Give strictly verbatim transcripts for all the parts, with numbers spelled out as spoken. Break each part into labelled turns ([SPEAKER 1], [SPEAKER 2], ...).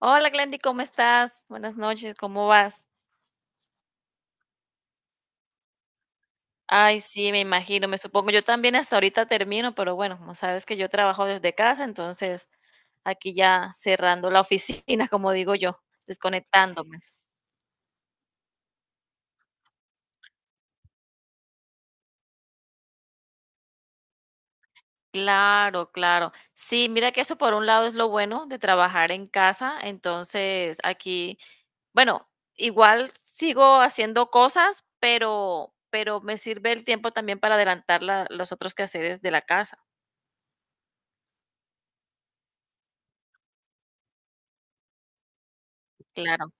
[SPEAKER 1] Hola Glendy, ¿cómo estás? Buenas noches, ¿cómo vas? Ay, sí, me imagino, me supongo. Yo también hasta ahorita termino, pero bueno, como sabes que yo trabajo desde casa, entonces aquí ya cerrando la oficina, como digo yo, desconectándome. Claro, claro. Sí, mira que eso por un lado es lo bueno de trabajar en casa, entonces aquí, bueno, igual sigo haciendo cosas, pero, pero me sirve el tiempo también para adelantar la- los otros quehaceres de la casa. Claro.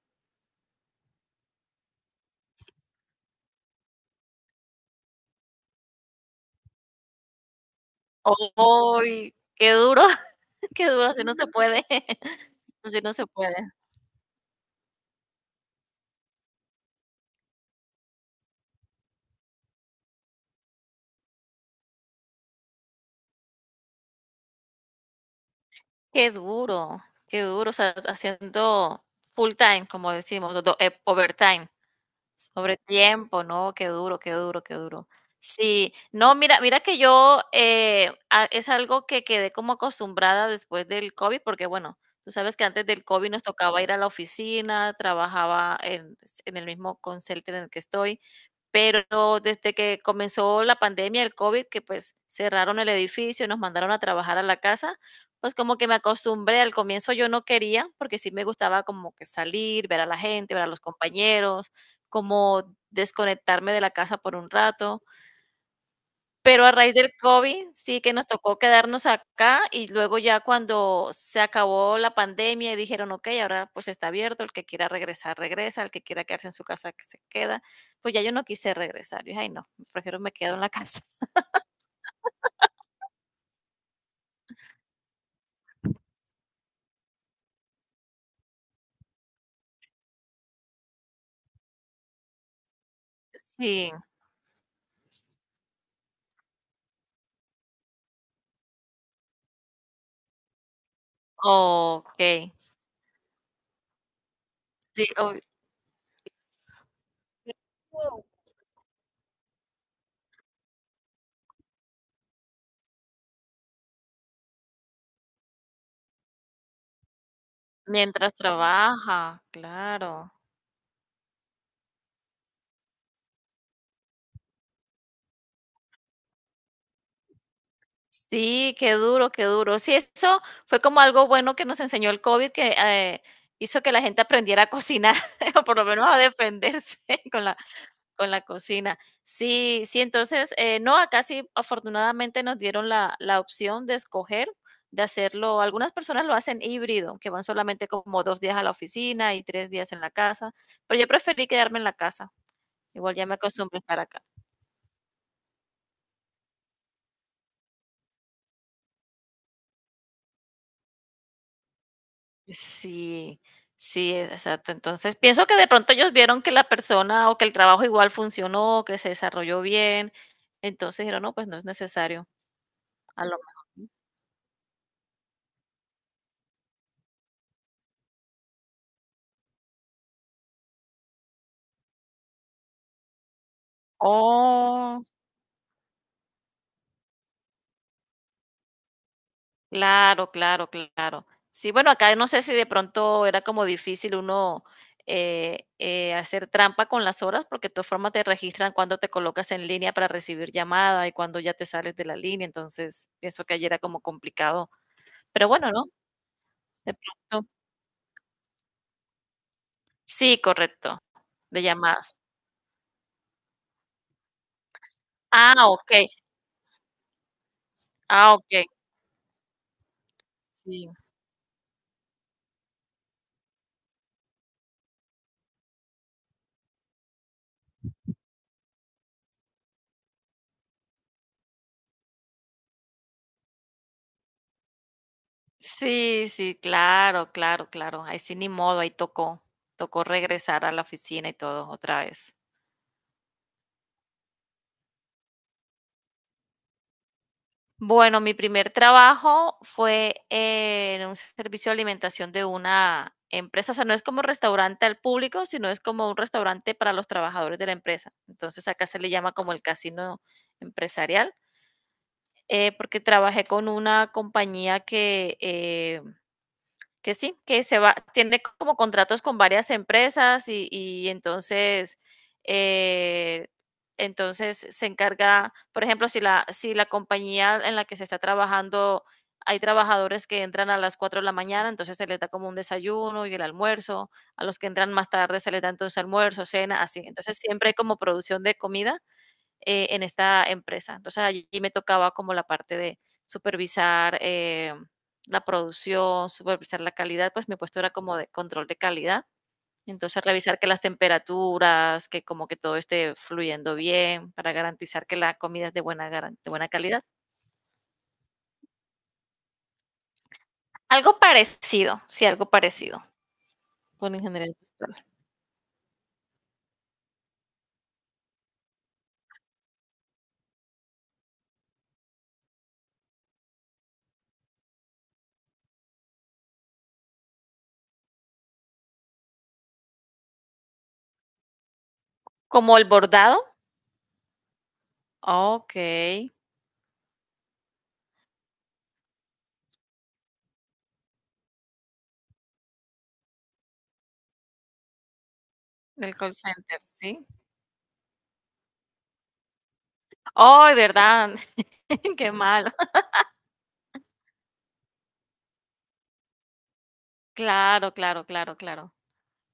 [SPEAKER 1] ¡Ay, qué duro, qué duro, así no se puede! Así no se puede. Qué duro, qué duro, o sea, haciendo full time, como decimos, do do eh, overtime. Sobre tiempo, no, qué duro, qué duro, qué duro. Sí, no, mira, mira que yo eh, a- es algo que quedé como acostumbrada después del COVID, porque bueno, tú sabes que antes del COVID nos tocaba ir a la oficina, trabajaba en, en el mismo consulting en el que estoy, pero desde que comenzó la pandemia, el COVID, que pues cerraron el edificio y nos mandaron a trabajar a la casa, pues como que me acostumbré, al comienzo yo no quería, porque sí me gustaba como que salir, ver a la gente, ver a los compañeros, como desconectarme de la casa por un rato. Pero a raíz del COVID sí que nos tocó quedarnos acá y luego ya cuando se acabó la pandemia y dijeron, ok, ahora pues está abierto, el que quiera regresar, regresa, el que quiera quedarse en su casa, que se queda. Pues ya yo no quise regresar, yo dije, ay no, prefiero me quedo en la casa. Sí, ok, sí, ob- mientras trabaja, claro. Sí, qué duro, qué duro. Sí, eso fue como algo bueno que nos enseñó el COVID, que eh, hizo que la gente aprendiera a cocinar, o por lo menos a defenderse con la, con la cocina. Sí, sí, entonces, eh, no, acá sí, afortunadamente nos dieron la, la opción de escoger, de hacerlo. Algunas personas lo hacen híbrido, que van solamente como dos días a la oficina y tres días en la casa, pero yo preferí quedarme en la casa. Igual ya me acostumbré a estar acá. Sí, sí, e- exacto. Entonces, pienso que de pronto ellos vieron que la persona o que el trabajo igual funcionó, que se desarrolló bien. Entonces dijeron, no, pues no es necesario. A lo mejor. Oh, claro, claro, claro. Sí, bueno, acá no sé si de pronto era como difícil uno eh, eh, hacer trampa con las horas, porque de todas formas te registran cuando te colocas en línea para recibir llamada y cuando ya te sales de la línea. Entonces, pienso que ayer era como complicado. Pero bueno, ¿no? De pronto. Sí, correcto, de llamadas. Ah, okey, ah, okey, sí. Sí, sí, claro, claro, claro. Ahí sí ni modo, ahí tocó, tocó regresar a la oficina y todo otra vez. Bueno, mi primer trabajo fue en un servicio de alimentación de una empresa, o sea, no es como restaurante al público, sino es como un restaurante para los trabajadores de la empresa. Entonces, acá se le llama como el casino empresarial, eh, porque trabajé con una compañía que, eh, que sí, que se va tiene como contratos con varias empresas y y entonces, eh, entonces se encarga, por ejemplo, si la si la compañía en la que se está trabajando, hay trabajadores que entran a las cuatro de la mañana, entonces se les da como un desayuno y el almuerzo, a los que entran más tarde se les da entonces almuerzo, cena, así. Entonces, siempre hay como producción de comida, eh, en esta empresa. Entonces allí me tocaba como la parte de supervisar, eh, la producción, supervisar la calidad, pues mi puesto era como de control de calidad. Entonces revisar que las temperaturas, que como que todo esté fluyendo bien para garantizar que la comida es de buena, garan- de buena calidad. Algo parecido, sí, algo parecido con ingeniería industrial. Como el bordado. Ok, el call center, sí. Ay, ¿verdad? Qué malo. Claro, claro, claro, claro.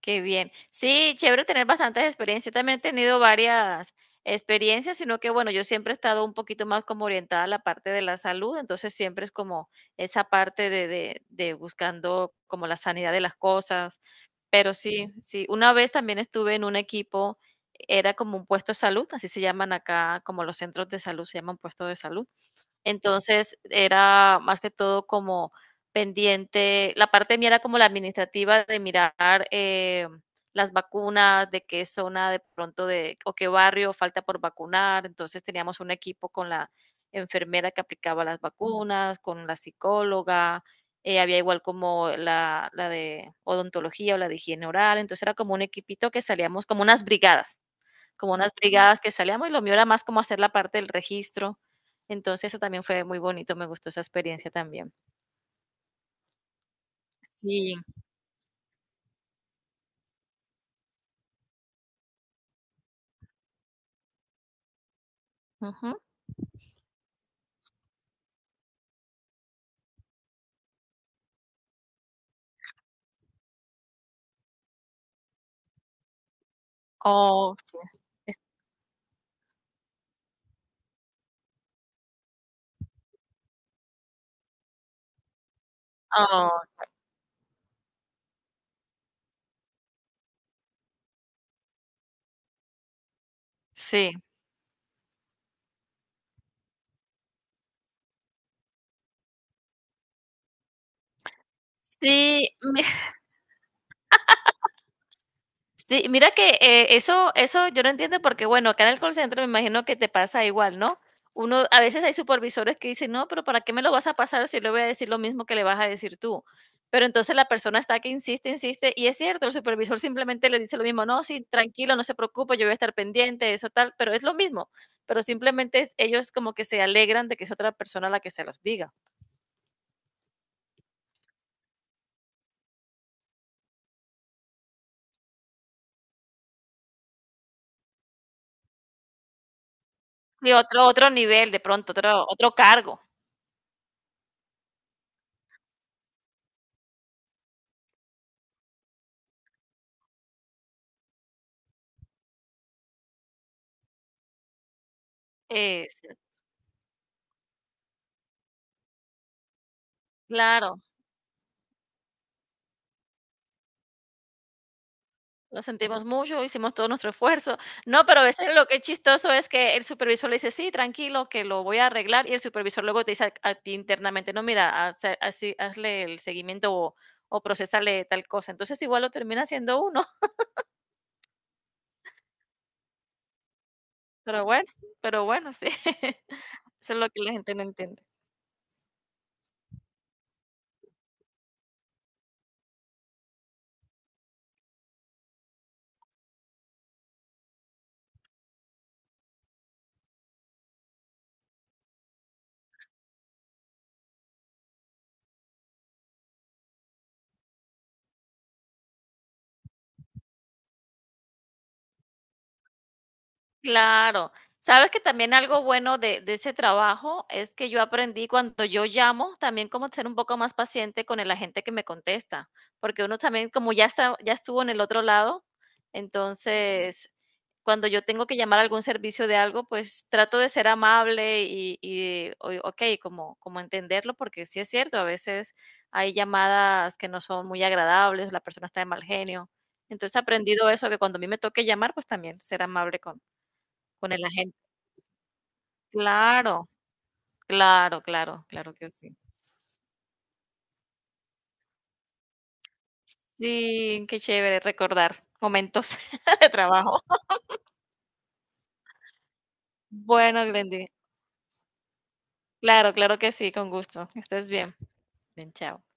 [SPEAKER 1] Qué bien. Sí, chévere tener bastantes experiencias. Yo también he tenido varias experiencias, sino que bueno, yo siempre he estado un poquito más como orientada a la parte de la salud, entonces siempre es como esa parte de, de, de buscando como la sanidad de las cosas. Pero sí, sí, una vez también estuve en un equipo, era como un puesto de salud, así se llaman acá, como los centros de salud se llaman puestos de salud. Entonces era más que todo como pendiente, la parte mía era como la administrativa de mirar, eh, las vacunas, de qué zona de pronto de, o qué barrio falta por vacunar. Entonces teníamos un equipo con la enfermera que aplicaba las vacunas, con la psicóloga, eh, había igual como la, la de odontología o la de higiene oral, entonces era como un equipito que salíamos como unas brigadas, como unas brigadas que salíamos y lo mío era más como hacer la parte del registro. Entonces, eso también fue muy bonito, me gustó esa experiencia también. Sí, ujú. Oh, sí. Es oh, sí. Sí, sí, mira que eh, eso, eso yo no entiendo porque, bueno, acá en el call center me imagino que te pasa igual, ¿no? Uno, a veces hay supervisores que dicen, no, pero ¿para qué me lo vas a pasar si le voy a decir lo mismo que le vas a decir tú? Pero entonces la persona está que insiste, insiste, y es cierto, el supervisor simplemente le dice lo mismo, no, sí, tranquilo, no se preocupe, yo voy a estar pendiente, eso tal, pero es lo mismo, pero simplemente es- ellos como que se alegran de que es otra persona la que se los diga. Y otro, otro nivel, de pronto, otro, otro cargo. Eh, sí, claro. Lo sentimos mucho, hicimos todo nuestro esfuerzo. No, pero a veces lo que es chistoso es que el supervisor le dice, sí, tranquilo, que lo voy a arreglar, y el supervisor luego te dice a, a ti internamente, no, mira, hace- así, hazle el seguimiento o, o procesarle tal cosa. Entonces igual lo termina haciendo uno, pero bueno, pero bueno, sí. Eso es lo que la gente no entiende. Claro. Sabes que también algo bueno de, de ese trabajo es que yo aprendí cuando yo llamo también como ser un poco más paciente con la gente que me contesta, porque uno también como ya está, ya estuvo en el otro lado, entonces cuando yo tengo que llamar a algún servicio de algo, pues trato de ser amable y, y o- ok, como, como entenderlo, porque sí es cierto, a veces hay llamadas que no son muy agradables, la persona está de mal genio. Entonces he aprendido eso, que cuando a mí me toque llamar, pues también ser amable con, con el agente. Claro, claro, claro, claro que sí. Sí, qué chévere recordar momentos de trabajo. Bueno, Glendy, claro, claro que sí, con gusto. Que estés bien. Bien, chao.